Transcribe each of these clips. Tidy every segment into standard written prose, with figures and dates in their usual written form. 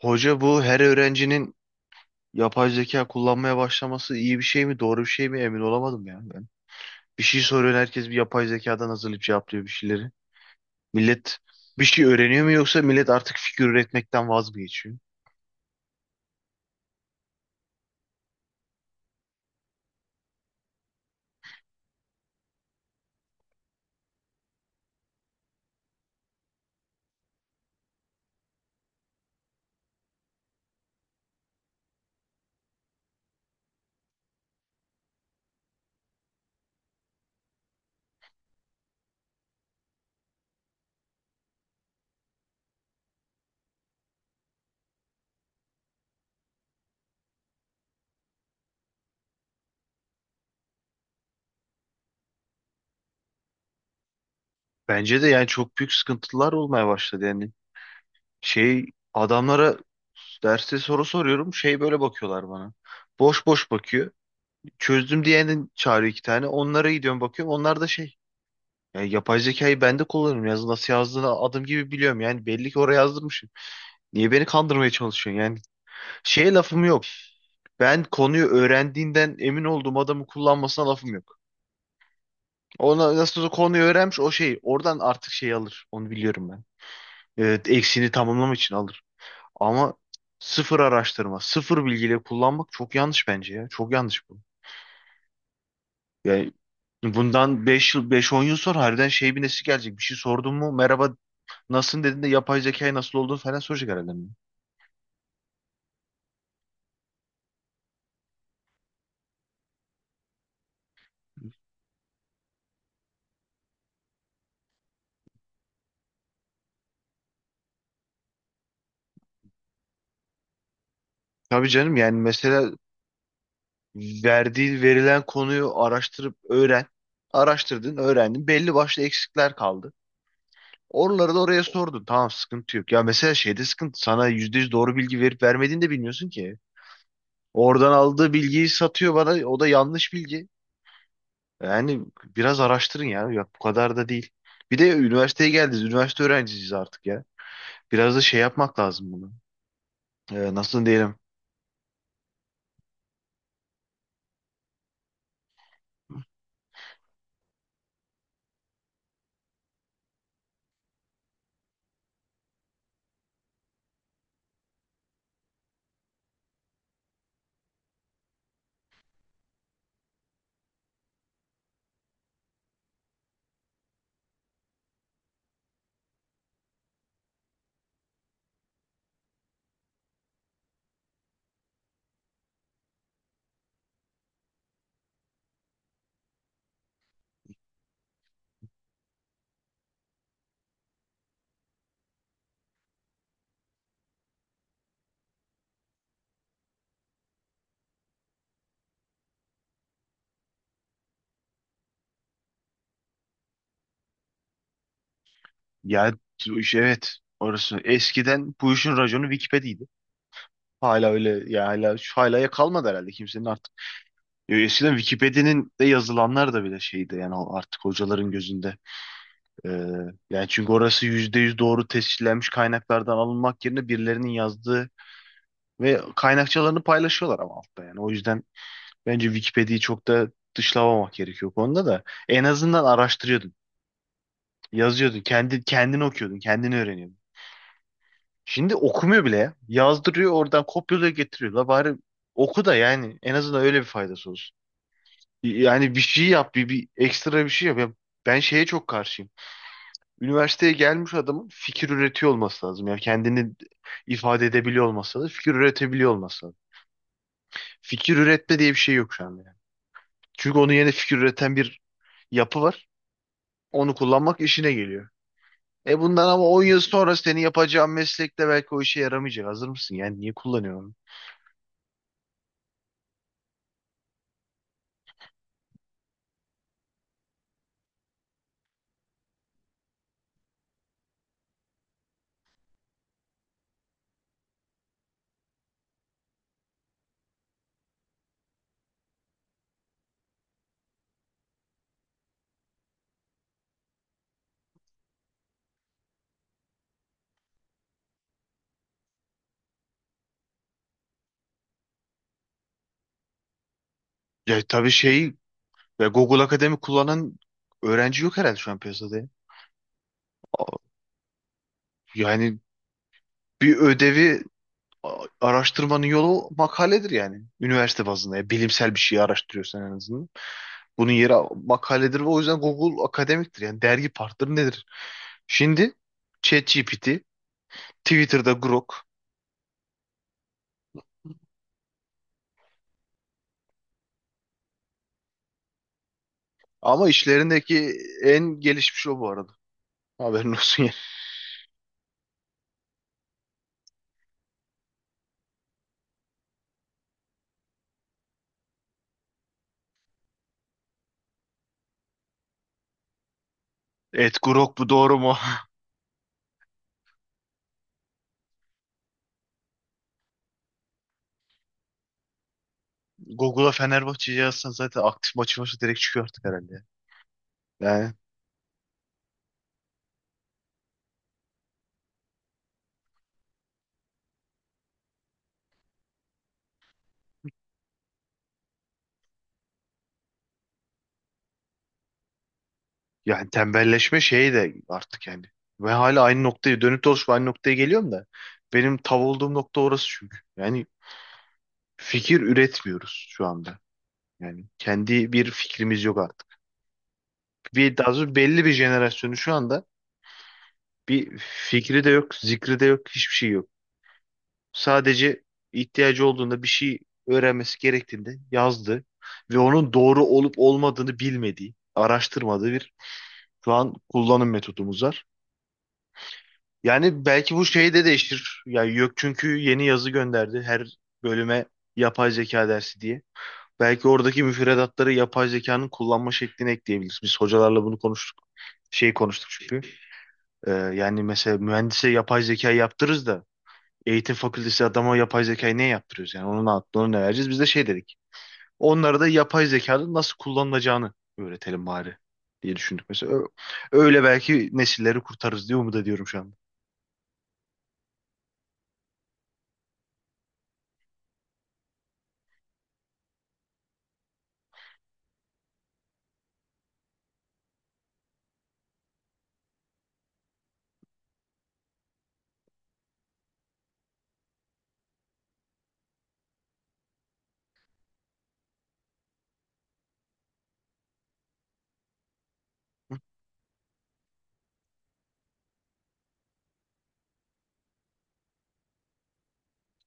Hoca bu her öğrencinin yapay zeka kullanmaya başlaması iyi bir şey mi, doğru bir şey mi emin olamadım ya ben. Bir şey soruyor herkes bir yapay zekadan hazırlayıp cevaplıyor bir şeyleri. Millet bir şey öğreniyor mu yoksa millet artık fikir üretmekten vaz mı geçiyor? Bence de yani çok büyük sıkıntılar olmaya başladı yani. Şey adamlara derste soru soruyorum şey böyle bakıyorlar bana. Boş boş bakıyor. Çözdüm diyenin çağırıyor iki tane. Onlara gidiyorum bakıyorum. Onlar da şey. Ya yapay zekayı ben de kullanırım. Yazı nasıl yazdığını adım gibi biliyorum. Yani belli ki oraya yazdırmışım. Niye beni kandırmaya çalışıyorsun? Yani şeye lafım yok. Ben konuyu öğrendiğinden emin olduğum adamı kullanmasına lafım yok. Ona nasıl olsa konuyu öğrenmiş o şey. Oradan artık şey alır. Onu biliyorum ben. Evet, eksiğini tamamlamak için alır. Ama sıfır araştırma, sıfır bilgiyle kullanmak çok yanlış bence ya. Çok yanlış bu. Yani bundan 5 yıl, 5-10 yıl sonra harbiden şey bir nesi gelecek. Bir şey sordun mu merhaba nasılsın dediğinde yapay zekayı nasıl olduğunu falan soracak herhalde. Tabii canım yani mesela verilen konuyu araştırıp öğren. Araştırdın, öğrendin. Belli başlı eksikler kaldı. Oraları da oraya sordun. Tamam, sıkıntı yok. Ya mesela şeyde sıkıntı. Sana %100 doğru bilgi verip vermediğini de bilmiyorsun ki. Oradan aldığı bilgiyi satıyor bana. O da yanlış bilgi. Yani biraz araştırın ya. Ya bu kadar da değil. Bir de üniversiteye geldiniz. Üniversite öğrencisiyiz artık ya. Biraz da şey yapmak lazım bunu. Nasıl diyelim? Ya evet orası. Eskiden bu işin raconu Wikipedia'ydı. Hala öyle ya, hala şu, hala ya kalmadı herhalde kimsenin artık. Ya eskiden Wikipedia'nın de yazılanlar da bile şeydi yani o artık hocaların gözünde. Ee, Yani çünkü orası %100 doğru tescillenmiş kaynaklardan alınmak yerine birilerinin yazdığı ve kaynakçalarını paylaşıyorlar ama altta yani. O yüzden bence Wikipedia'yı çok da dışlamamak gerekiyor bu konuda da. En azından araştırıyordun. Yazıyordun. Kendini okuyordun. Kendini öğreniyordun. Şimdi okumuyor bile ya. Yazdırıyor, oradan kopyalıyor, getiriyor. La bari oku da yani en azından öyle bir faydası olsun. Yani bir şey yap. Bir ekstra bir şey yap. Ya ben şeye çok karşıyım. Üniversiteye gelmiş adamın fikir üretiyor olması lazım. Yani kendini ifade edebiliyor olması lazım. Fikir üretebiliyor olması lazım. Fikir üretme diye bir şey yok şu anda, yani. Çünkü onun yeni fikir üreten bir yapı var. Onu kullanmak işine geliyor. Bundan ama 10 yıl sonra senin yapacağın meslekte belki o işe yaramayacak. Hazır mısın? Yani niye kullanıyorum? Ya tabii şey ve Google Akademi kullanan öğrenci yok herhalde şu an piyasada, ya. A- Yani bir ödevi araştırmanın yolu makaledir yani. Üniversite bazında, ya bilimsel bir şeyi araştırıyorsan en azından. Bunun yeri makaledir ve o yüzden Google akademiktir. Yani dergi partneri nedir? Şimdi ChatGPT, Twitter'da Grok, ama işlerindeki en gelişmiş o bu arada. Haberin olsun yani. Evet, Grok bu doğru mu? Google'a Fenerbahçe'yi yazsan zaten aktif maçı direkt çıkıyor artık herhalde. Yani, yani tembelleşme şeyi de artık yani. Ve hala aynı noktaya dönüp dolaşıp aynı noktaya geliyorum da. Benim tav olduğum nokta orası çünkü. Yani fikir üretmiyoruz şu anda. Yani kendi bir fikrimiz yok artık. Bir daha doğrusu belli bir jenerasyonu şu anda bir fikri de yok, zikri de yok, hiçbir şey yok. Sadece ihtiyacı olduğunda bir şey öğrenmesi gerektiğinde yazdı ve onun doğru olup olmadığını bilmediği, araştırmadığı bir şu an kullanım metodumuz var. Yani belki bu şeyi de değiştir. Yani yok çünkü yeni yazı gönderdi her bölüme yapay zeka dersi diye. Belki oradaki müfredatları yapay zekanın kullanma şeklini ekleyebiliriz. Biz hocalarla bunu konuştuk. Şey konuştuk çünkü. Yani mesela mühendise yapay zeka yaptırırız da eğitim fakültesi adama yapay zekayı ne yaptırıyoruz yani? Onun aklını ne vereceğiz? Biz de şey dedik. Onlara da yapay zekanın nasıl kullanılacağını öğretelim bari diye düşündük. Mesela öyle belki nesilleri kurtarırız diye umut ediyorum şu anda.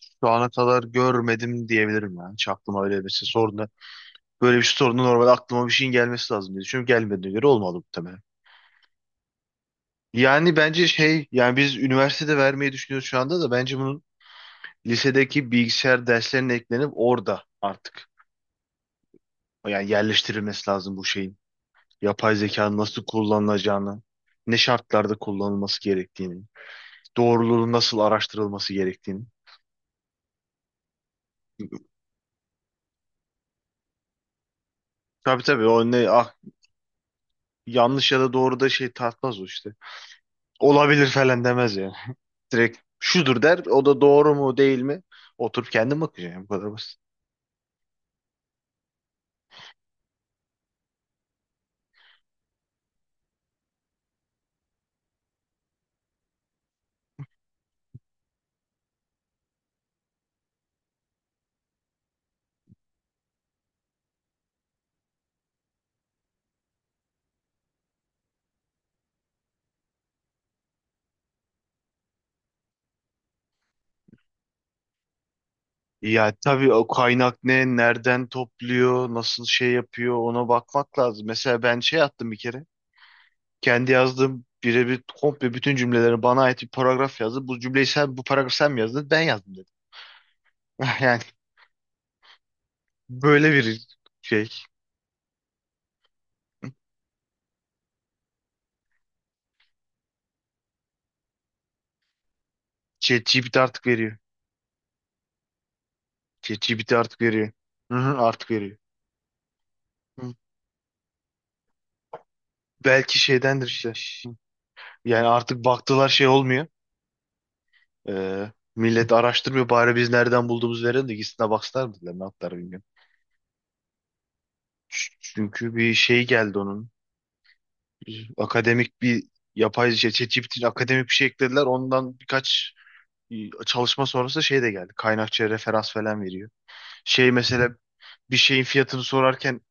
Şu ana kadar görmedim diyebilirim yani. Hiç aklıma öyle bir şey sorun. Böyle bir sorunu normalde aklıma bir şeyin gelmesi lazım diye düşünüyorum. Gelmediğine göre olmalı muhtemelen. Yani bence şey yani biz üniversitede vermeyi düşünüyoruz şu anda da bence bunun lisedeki bilgisayar derslerine eklenip orada artık yani yerleştirilmesi lazım bu şeyin, yapay zekanın nasıl kullanılacağını, ne şartlarda kullanılması gerektiğini, doğruluğu nasıl araştırılması gerektiğini. Tabii, tabii, o ne yanlış ya da doğru da şey tartmaz o işte. Olabilir falan demez yani. Direkt şudur der, o da doğru mu değil mi oturup kendim bakacağım, bu kadar basit. Ya tabii o kaynak ne, nereden topluyor, nasıl şey yapıyor ona bakmak lazım. Mesela ben şey attım bir kere. Kendi yazdığım birebir komple bütün cümleleri bana ait bir paragraf yazdı. Bu paragrafı sen mi yazdın? Ben yazdım dedim. Yani böyle bir şey. ChatGPT artık veriyor. ChatGPT artık veriyor. Hı hı, artık veriyor. Hı. Belki şeydendir işte. Yani artık baktılar şey olmuyor. Millet araştırmıyor. Bari biz nereden bulduğumuzu verelim de gitsinler baksınlar mı dediler. Ne yaptılar bilmiyorum. Çünkü bir şey geldi onun. Bir akademik bir yapay şey. ChatGPT'nin akademik bir şey eklediler. Ondan birkaç çalışma sonrası şey de geldi. Kaynakçıya referans falan veriyor. Şey mesela bir şeyin fiyatını sorarken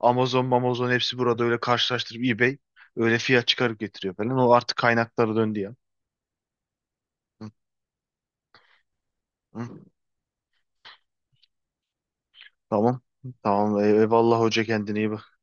Amazon hepsi burada öyle karşılaştırıp eBay öyle fiyat çıkarıp getiriyor falan. O artık kaynaklara döndü ya. Hı, hı. Tamam. Tamam. Eyvallah hoca, kendine iyi bak.